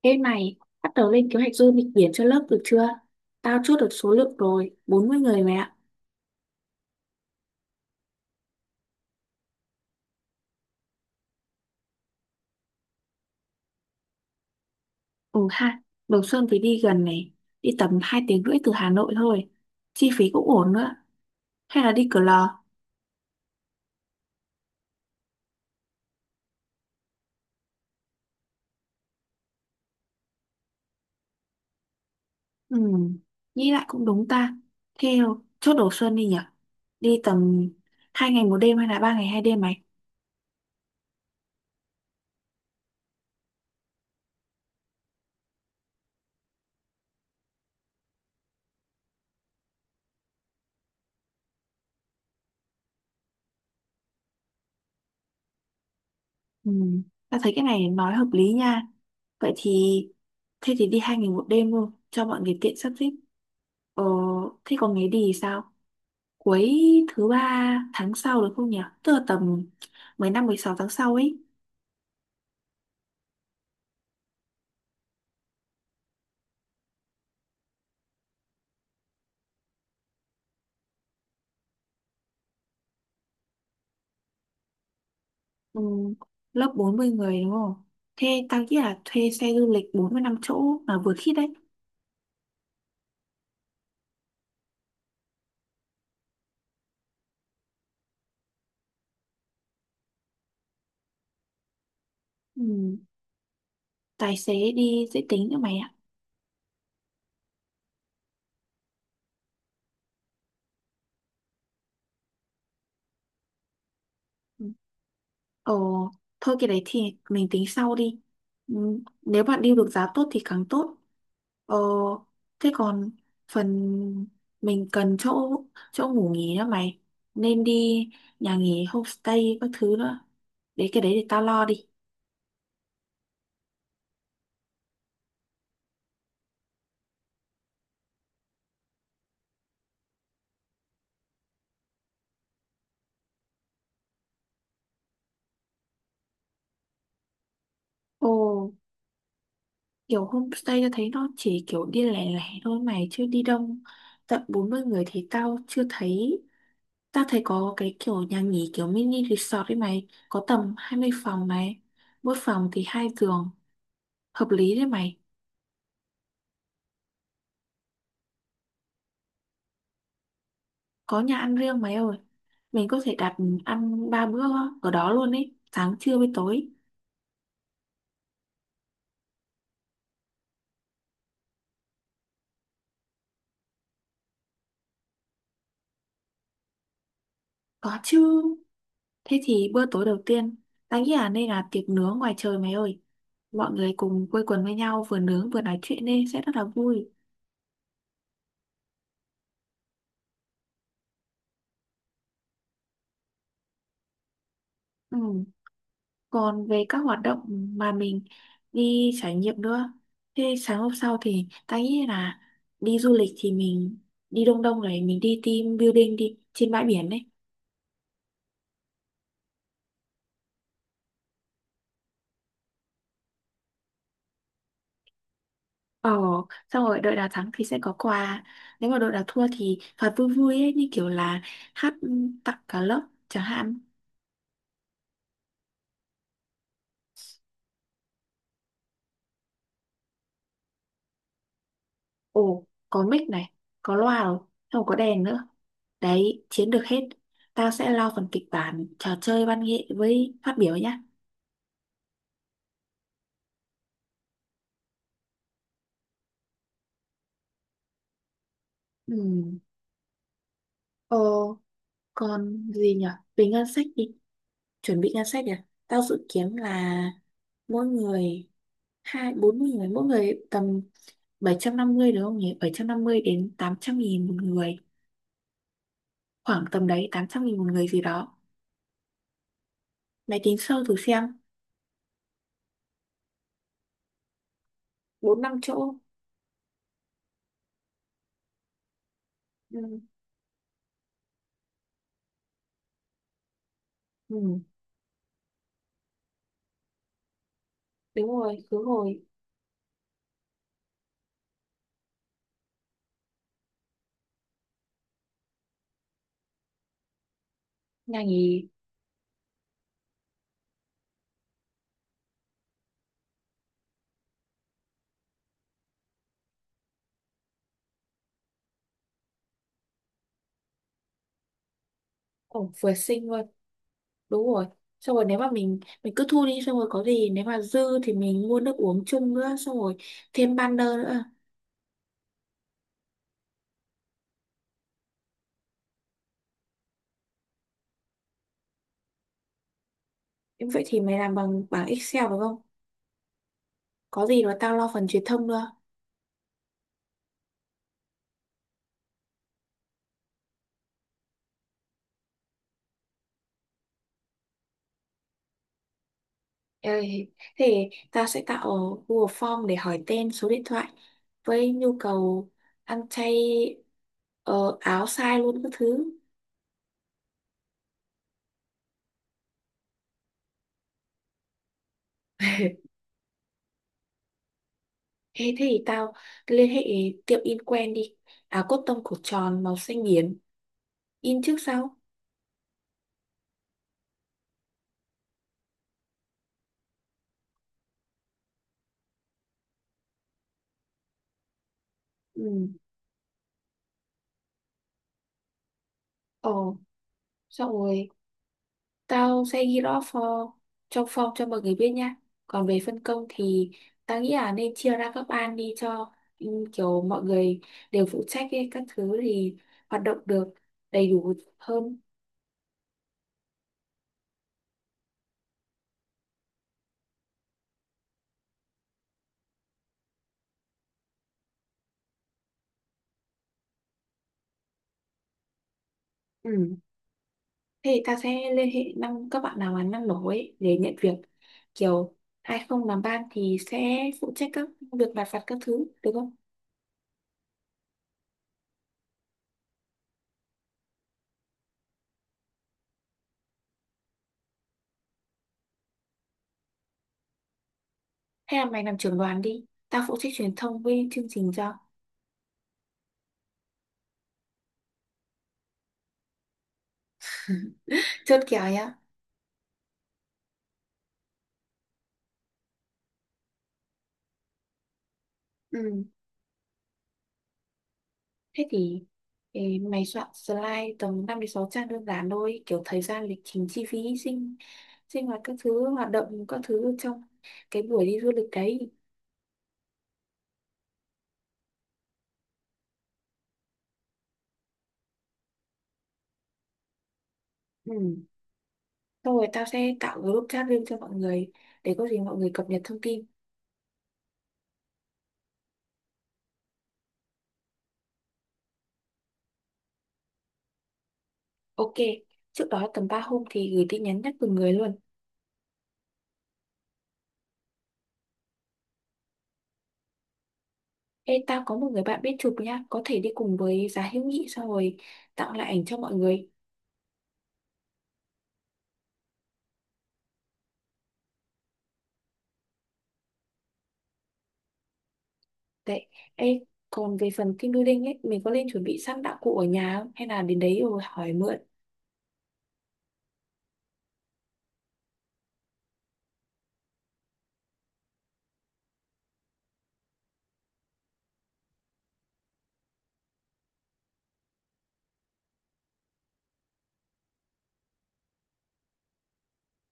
Ê mày, bắt đầu lên kế hoạch du lịch biển cho lớp được chưa? Tao chốt được số lượng rồi, 40 người mày ạ. Ừ ha, Đồng Xuân thì đi gần này, đi tầm 2 tiếng rưỡi từ Hà Nội thôi. Chi phí cũng ổn nữa. Hay là đi Cửa Lò? Ừ, nghĩ lại cũng đúng ta. Theo, chốt Đồng Xuân đi nhở? Đi tầm 2 ngày 1 đêm hay là 3 ngày 2 đêm mày? Ừ. Ta thấy cái này nói hợp lý nha. Vậy thì Thế thì đi 2 ngày 1 đêm luôn cho mọi người tiện sắp xếp. Ờ, thế còn ngày đi thì sao? Cuối thứ ba tháng sau được không nhỉ? Tức là tầm 15 16 tháng sau ấy. Ừ, lớp 40 người đúng không? Thế tao nghĩ là thuê xe du lịch 45 chỗ mà vừa khít đấy. Ừ, tài xế đi dễ tính nữa mày ạ. Ừ. ồ, Thôi cái đấy thì mình tính sau đi. Ừ, nếu bạn deal được giá tốt thì càng tốt. Ờ, thế còn phần mình cần chỗ chỗ ngủ nghỉ nữa mày. Nên đi nhà nghỉ homestay các thứ nữa. Để cái đấy thì tao lo đi. Ồ. Kiểu homestay tao thấy nó chỉ kiểu đi lẻ lẻ thôi mày, chứ đi đông tận 40 người thì tao chưa thấy. Tao thấy có cái kiểu nhà nghỉ kiểu mini resort đấy mày, có tầm 20 phòng này, mỗi phòng thì 2 giường, hợp lý đấy mày. Có nhà ăn riêng mày ơi, mình có thể đặt ăn 3 bữa ở đó luôn ấy, sáng trưa với tối. Có chứ, thế thì bữa tối đầu tiên tao nghĩ là nên là tiệc nướng ngoài trời mày ơi. Mọi người cùng quây quần với nhau, vừa nướng vừa nói chuyện đi sẽ rất là vui. Ừ. Còn về các hoạt động mà mình đi trải nghiệm nữa. Thế sáng hôm sau thì ta nghĩ là đi du lịch thì mình đi Đông Đông này, mình đi team building đi trên bãi biển đấy. Ờ, xong rồi đội nào thắng thì sẽ có quà. Nếu mà đội nào thua thì phạt vui vui ấy, như kiểu là hát tặng cả lớp chẳng hạn. Ồ, có mic này, có loa rồi, xong rồi có đèn nữa. Đấy, chiến được hết. Tao sẽ lo phần kịch bản trò chơi văn nghệ với phát biểu nhá. Ừ. Ờ, còn gì nhỉ? Về ngân sách đi, chuẩn bị ngân sách nhỉ? Tao dự kiến là mỗi người bốn mươi người, mỗi người tầm 750 đúng không nhỉ? 750 đến 800.000 một người, khoảng tầm đấy 800.000 một người gì đó. Mày tính sơ thử xem, 45 chỗ. Ừ. Ừ, đúng rồi, khứ hồi. Ngành ý. Ổn vừa xinh luôn. Đúng rồi. Xong rồi nếu mà mình cứ thu đi, xong rồi có gì nếu mà dư thì mình mua nước uống chung nữa, xong rồi thêm banner nữa. Vậy thì mày làm bằng bảng Excel đúng không? Có gì mà tao lo phần truyền thông nữa. Ê, thế tao sẽ tạo Google Form để hỏi tên, số điện thoại, với nhu cầu ăn chay, ờ, áo size luôn các thứ. Thế thì tao liên hệ tiệm in quen đi. Áo cốt tông cổ tròn màu xanh biển. In trước sau. Ừ. Ồ, xong rồi. Tao sẽ ghi rõ for trong form cho mọi người biết nhá. Còn về phân công thì tao nghĩ là nên chia ra các ban đi cho, ừ, kiểu mọi người đều phụ trách ấy, các thứ thì hoạt động được đầy đủ hơn. Ừ. Thế thì tao sẽ liên hệ năm các bạn nào mà năng nổ ấy để nhận việc. Kiểu ai không làm ban thì sẽ phụ trách các việc lặt vặt các thứ, được không? Hay là mày làm trưởng đoàn đi. Tao phụ trách truyền thông với chương trình cho. Chốt kèo nhá. Ừ. Thế thì ê, mày soạn slide tầm 5 đến 6 trang đơn giản thôi, kiểu thời gian, lịch trình, chi phí, sinh sinh hoạt các thứ, hoạt động các thứ trong cái buổi đi du lịch đấy. Ừ. Xong rồi tao sẽ tạo group chat riêng cho mọi người để có gì mọi người cập nhật thông tin. Ok, trước đó tầm 3 hôm thì gửi tin nhắn nhắc từng người luôn. Ê, tao có một người bạn biết chụp nhá, có thể đi cùng với giá hữu nghị, xong rồi tặng lại ảnh cho mọi người. Đấy. Ê, còn về phần team building ấy, mình có nên chuẩn bị sẵn đạo cụ ở nhà không? Hay là đến đấy rồi hỏi mượn?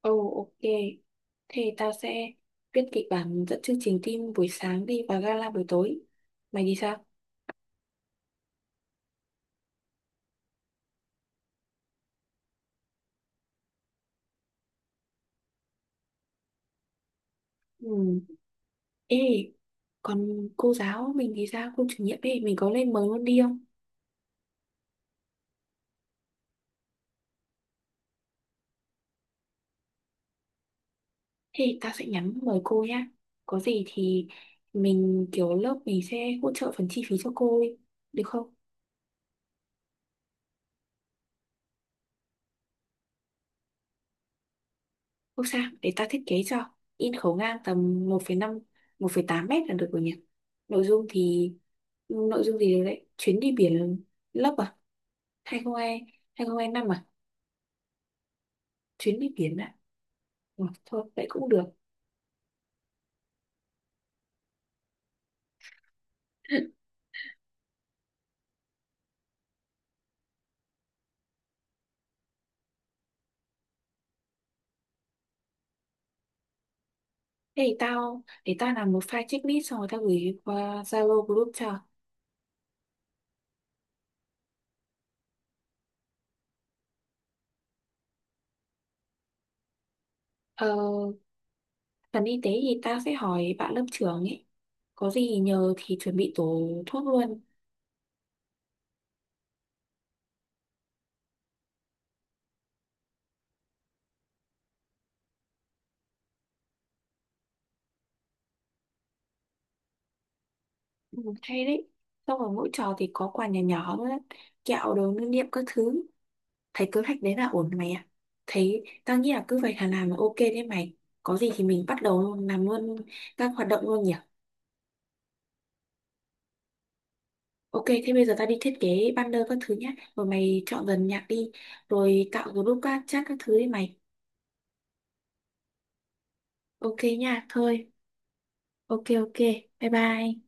Ồ, ok. Thế tao sẽ viết kịch bản dẫn chương trình team buổi sáng đi và gala buổi tối. Mày thì sao? Ừ. Ê, còn cô giáo mình thì sao? Cô chủ nhiệm ấy, mình có lên mời luôn đi không? Thì tao sẽ nhắn mời cô nhá. Có gì thì mình kiểu lớp mình sẽ hỗ trợ phần chi phí cho cô ấy. Được không? Không sao, để ta thiết kế cho. In khấu ngang tầm một một phẩy năm, 1,8 m là được rồi nhỉ? Nội dung thì... nội dung gì đấy? Chuyến đi biển lớp à? 2020, năm à? Chuyến đi biển ạ. Ừ, thôi, vậy cũng được. Thế thì để tao làm một file checklist, xong rồi tao gửi qua Zalo group cho. Ờ, phần y tế thì tao sẽ hỏi bạn lớp trưởng ấy. Có gì nhờ thì chuẩn bị tổ thuốc luôn. Ừ, hay đấy. Xong rồi mỗi trò thì có quà nhỏ nhỏ nữa, kẹo, đồ lưu niệm các thứ. Thấy kế hoạch đấy là ổn mày ạ. Thấy tao nghĩ là cứ vậy là làm là ok đấy mày. Có gì thì mình bắt đầu luôn, làm luôn các hoạt động luôn nhỉ. Ok, thế bây giờ tao đi thiết kế banner các thứ nhá, rồi mày chọn dần nhạc đi, rồi tạo group các chat các thứ đi mày. Ok nha, thôi. Ok, ok. Bye bye.